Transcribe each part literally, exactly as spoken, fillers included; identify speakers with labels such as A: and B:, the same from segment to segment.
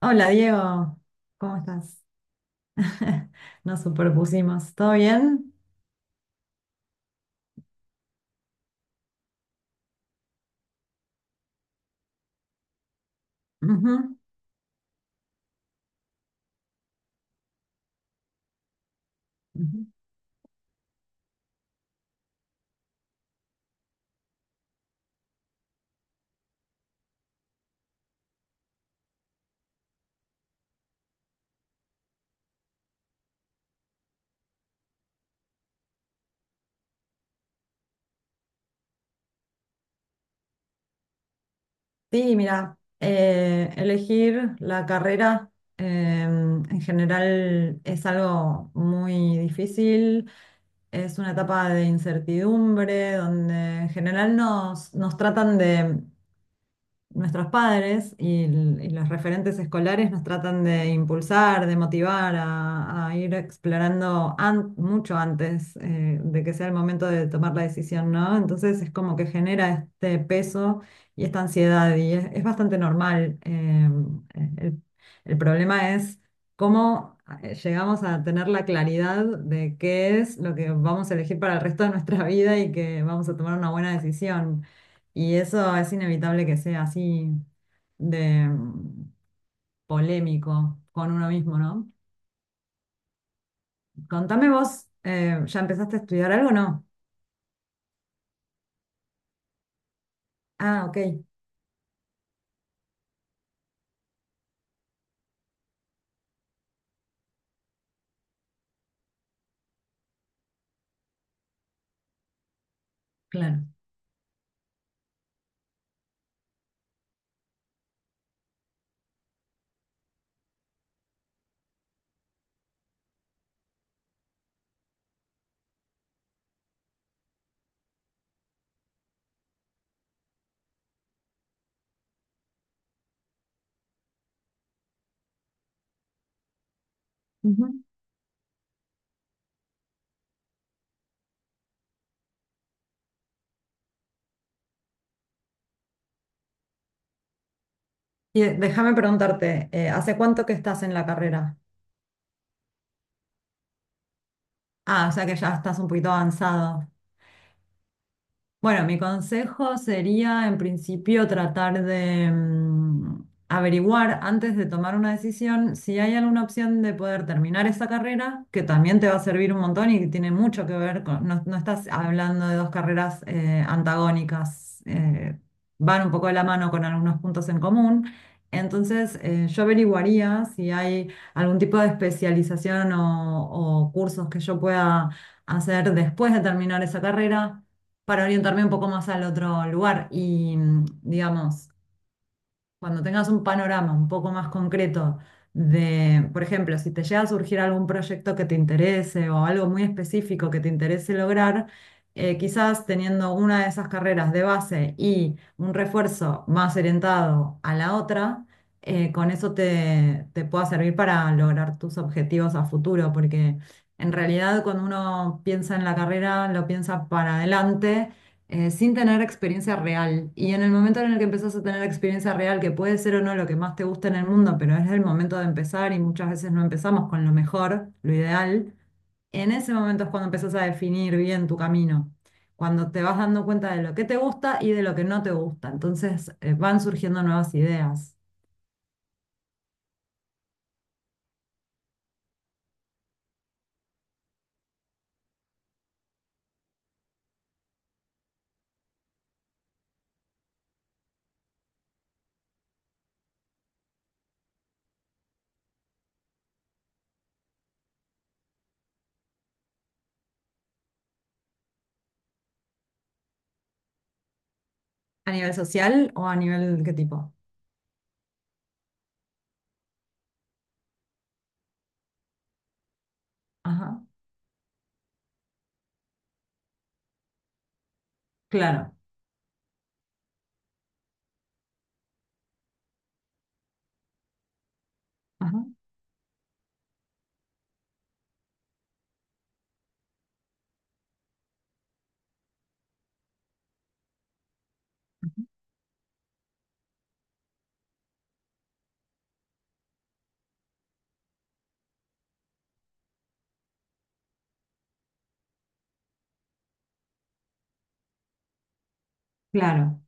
A: Hola Diego, ¿cómo estás? Nos superpusimos, ¿todo bien? Ujú, ujú. Sí, mira, eh, elegir la carrera eh, en general es algo muy difícil, es una etapa de incertidumbre donde en general nos, nos tratan de nuestros padres y, l- y los referentes escolares nos tratan de impulsar, de motivar a, a ir explorando an- mucho antes eh, de que sea el momento de tomar la decisión, ¿no? Entonces es como que genera este peso y esta ansiedad y es, es bastante normal. eh, el, el problema es cómo... eh, llegamos a tener la claridad de qué es lo que vamos a elegir para el resto de nuestra vida y que vamos a tomar una buena decisión, y eso es inevitable que sea así de mm, polémico con uno mismo, ¿no? Contame vos, eh, ¿ya empezaste a estudiar algo o no? Ah, ok, claro. Ujú. Y eh, déjame preguntarte, eh, ¿hace cuánto que estás en la carrera? Ah, o sea que ya estás un poquito avanzado. Bueno, mi consejo sería en principio tratar de mm, averiguar antes de tomar una decisión si hay alguna opción de poder terminar esa carrera, que también te va a servir un montón y que tiene mucho que ver con, no, no estás hablando de dos carreras eh, antagónicas, eh, van un poco de la mano con algunos puntos en común. Entonces, eh, yo averiguaría si hay algún tipo de especialización o o cursos que yo pueda hacer después de terminar esa carrera para orientarme un poco más al otro lugar. Y mm, digamos, cuando tengas un panorama un poco más concreto de, por ejemplo, si te llega a surgir algún proyecto que te interese o algo muy específico que te interese lograr, eh, quizás teniendo una de esas carreras de base y un refuerzo más orientado a la otra, eh, con eso te, te pueda servir para lograr tus objetivos a futuro, porque en realidad cuando uno piensa en la carrera, lo piensa para adelante eh, sin tener experiencia real. Y en el momento en el que empezás a tener experiencia real, que puede ser o no lo que más te gusta en el mundo, pero es el momento de empezar y muchas veces no empezamos con lo mejor, lo ideal, en ese momento es cuando empezás a definir bien tu camino, cuando te vas dando cuenta de lo que te gusta y de lo que no te gusta. Entonces, eh, van surgiendo nuevas ideas. ¿A nivel social o a nivel qué tipo? Ajá, claro, ajá, claro,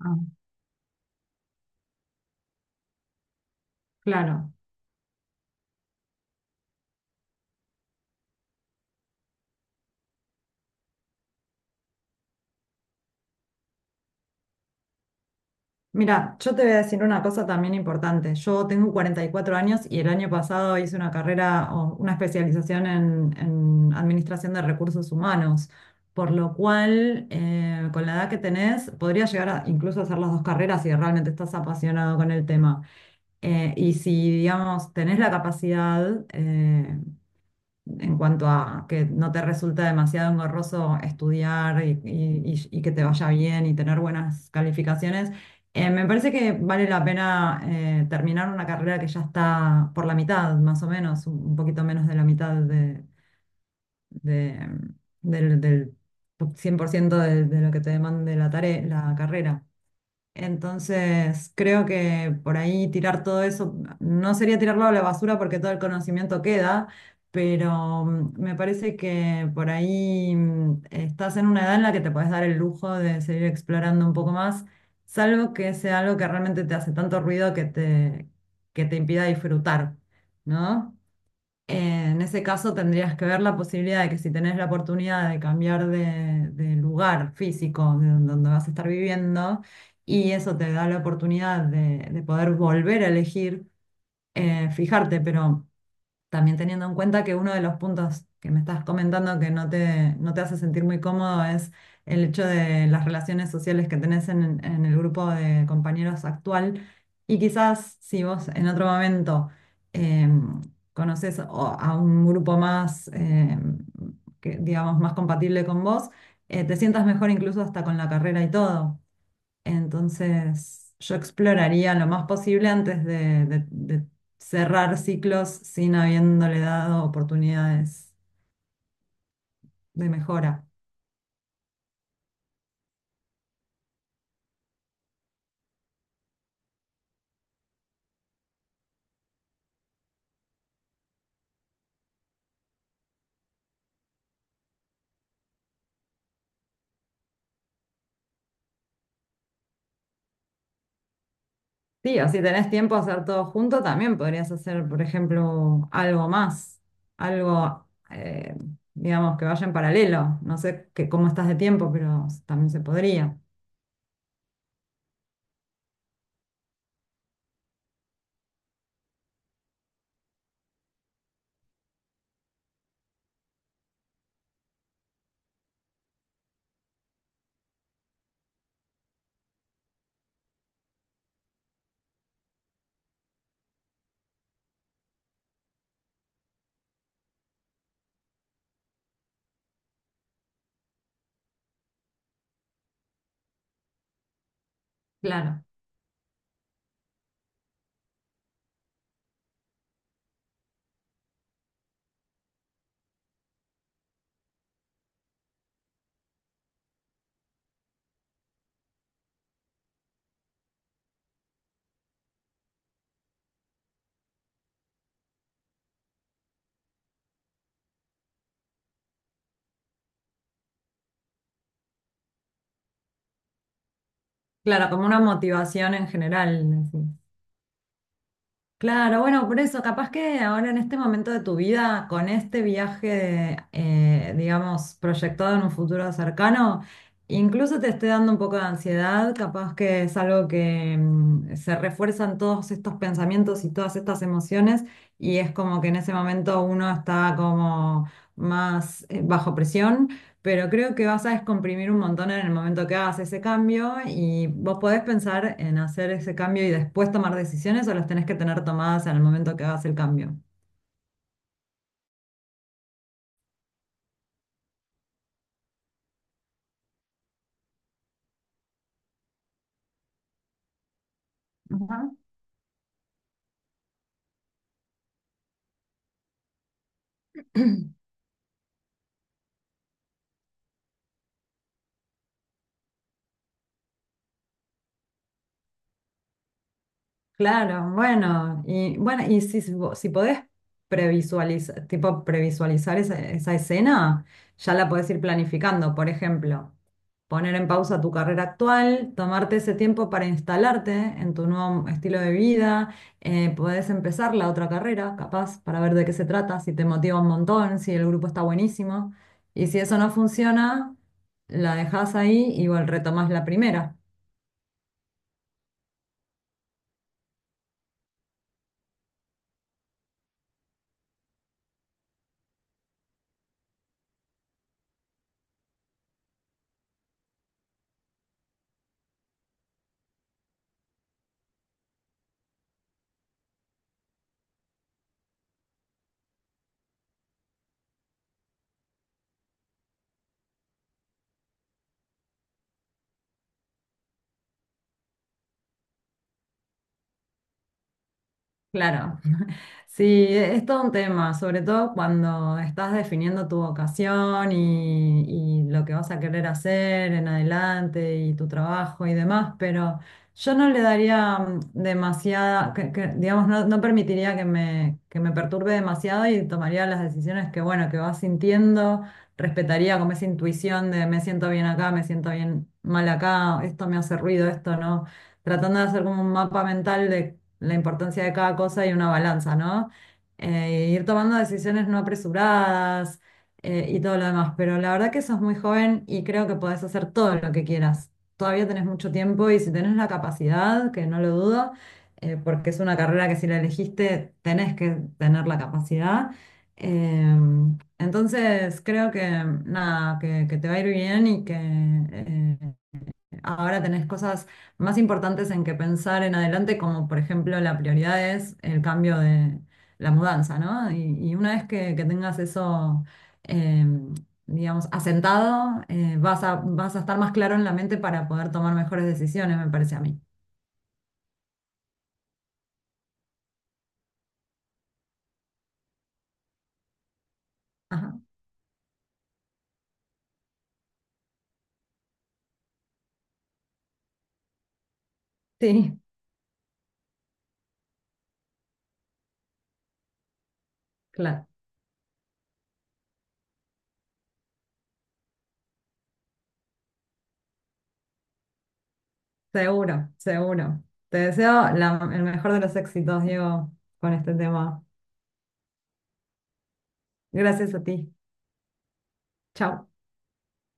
A: ah, claro. Mira, yo te voy a decir una cosa también importante. Yo tengo cuarenta y cuatro años y el año pasado hice una carrera o una especialización en, en administración de recursos humanos, por lo cual eh, con la edad que tenés podrías llegar a incluso hacer las dos carreras si realmente estás apasionado con el tema. Eh, y si, digamos, tenés la capacidad, eh, en cuanto a que no te resulta demasiado engorroso estudiar y, y- y- y que te vaya bien y tener buenas calificaciones. Eh, me parece que vale la pena eh, terminar una carrera que ya está por la mitad, más o menos, un un poquito menos de la mitad de, de, del, del cien por ciento de, de lo que te demande la tarea, la carrera. Entonces, creo que por ahí tirar todo eso, no sería tirarlo a la basura porque todo el conocimiento queda, pero mm, me parece que por ahí mm, estás en una edad en la que te puedes dar el lujo de seguir explorando un poco más, salvo que sea algo que realmente te hace tanto ruido que te, que te impida disfrutar, ¿no? Eh, en ese caso tendrías que ver la posibilidad de que si tenés la oportunidad de cambiar de, de lugar físico de don- donde vas a estar viviendo y eso te da la oportunidad de, de poder volver a elegir, eh, fijarte, pero... También teniendo en cuenta que uno de los puntos que me estás comentando que no te, no te hace sentir muy cómodo es el hecho de las relaciones sociales que tenés en, en el grupo de compañeros actual. Y quizás si vos en otro momento em, conocés o- a un grupo más, em, que, digamos, más compatible con vos, eh, te sientas mejor incluso hasta con la carrera y todo. Entonces, yo exploraría lo más posible antes de, de- de cerrar ciclos sin habiéndole dado oportunidades de mejora. Sí, o si tenés tiempo a hacer todo junto, también podrías hacer, por ejemplo, algo más, algo, eh, digamos, que vaya en paralelo. No sé que- cómo estás de tiempo, pero también se podría. Claro, claro, como una motivación en general. Así. Claro, bueno, por eso, capaz que ahora en este momento de tu vida, con este viaje, eh, digamos, proyectado en un futuro cercano, incluso te esté dando un poco de ansiedad, capaz que es algo que mm, se refuerzan todos estos pensamientos y todas estas emociones, y es como que en ese momento uno está como más eh, bajo presión, pero creo que vas a descomprimir un montón en el momento que hagas ese cambio y vos podés pensar en hacer ese cambio y después tomar decisiones o las tenés que tener tomadas en el momento que hagas el cambio. Ajá. Claro, bueno, y bueno, y si, si vo- si podés previsualizar, tipo previsualizar esa, esa escena, ya la podés ir planificando. Por ejemplo, poner en pausa tu carrera actual, tomarte ese tiempo para instalarte en tu nuevo estilo de vida, eh, podés empezar la otra carrera, capaz, para ver de qué se trata, si te motiva un montón, si el grupo está buenísimo. Y si eso no funciona, la dejás ahí y bueno, retomás la primera. Claro, sí, es todo un tema, sobre todo cuando estás definiendo tu vocación y, y lo que vas a querer hacer en adelante y tu trabajo y demás, pero yo no le daría mm, demasiada, que- que, digamos, no, no permitiría que me, que me perturbe demasiado y tomaría las decisiones que, bueno, que vas sintiendo, respetaría como esa intuición de me siento bien acá, me siento bien mal acá, esto me hace ruido, esto no, tratando de hacer como un mapa mental de la importancia de cada cosa y una balanza, ¿no? Eh, ir tomando decisiones no apresuradas eh, y todo lo demás. Pero la verdad que sos muy joven y creo que podés hacer todo lo que quieras. Todavía tenés mucho tiempo y si tenés la capacidad, que no lo dudo, eh, porque es una carrera que si la elegiste tenés que tener la capacidad. Em, entonces creo que nada, que, que te va a ir bien y que eh, ahora tenés cosas más importantes en que pensar en adelante, como por ejemplo la prioridad es el cambio de la mudanza, ¿no? Y, y una vez que, que tengas eso, eh, digamos, asentado, eh, vas a, vas a estar más claro en la mente para poder tomar mejores decisiones, me parece a mí. Ajá. Sí, claro, seguro, seguro. Te deseo la- el mejor de los éxitos, Diego, con este tema. Gracias a ti. Chao.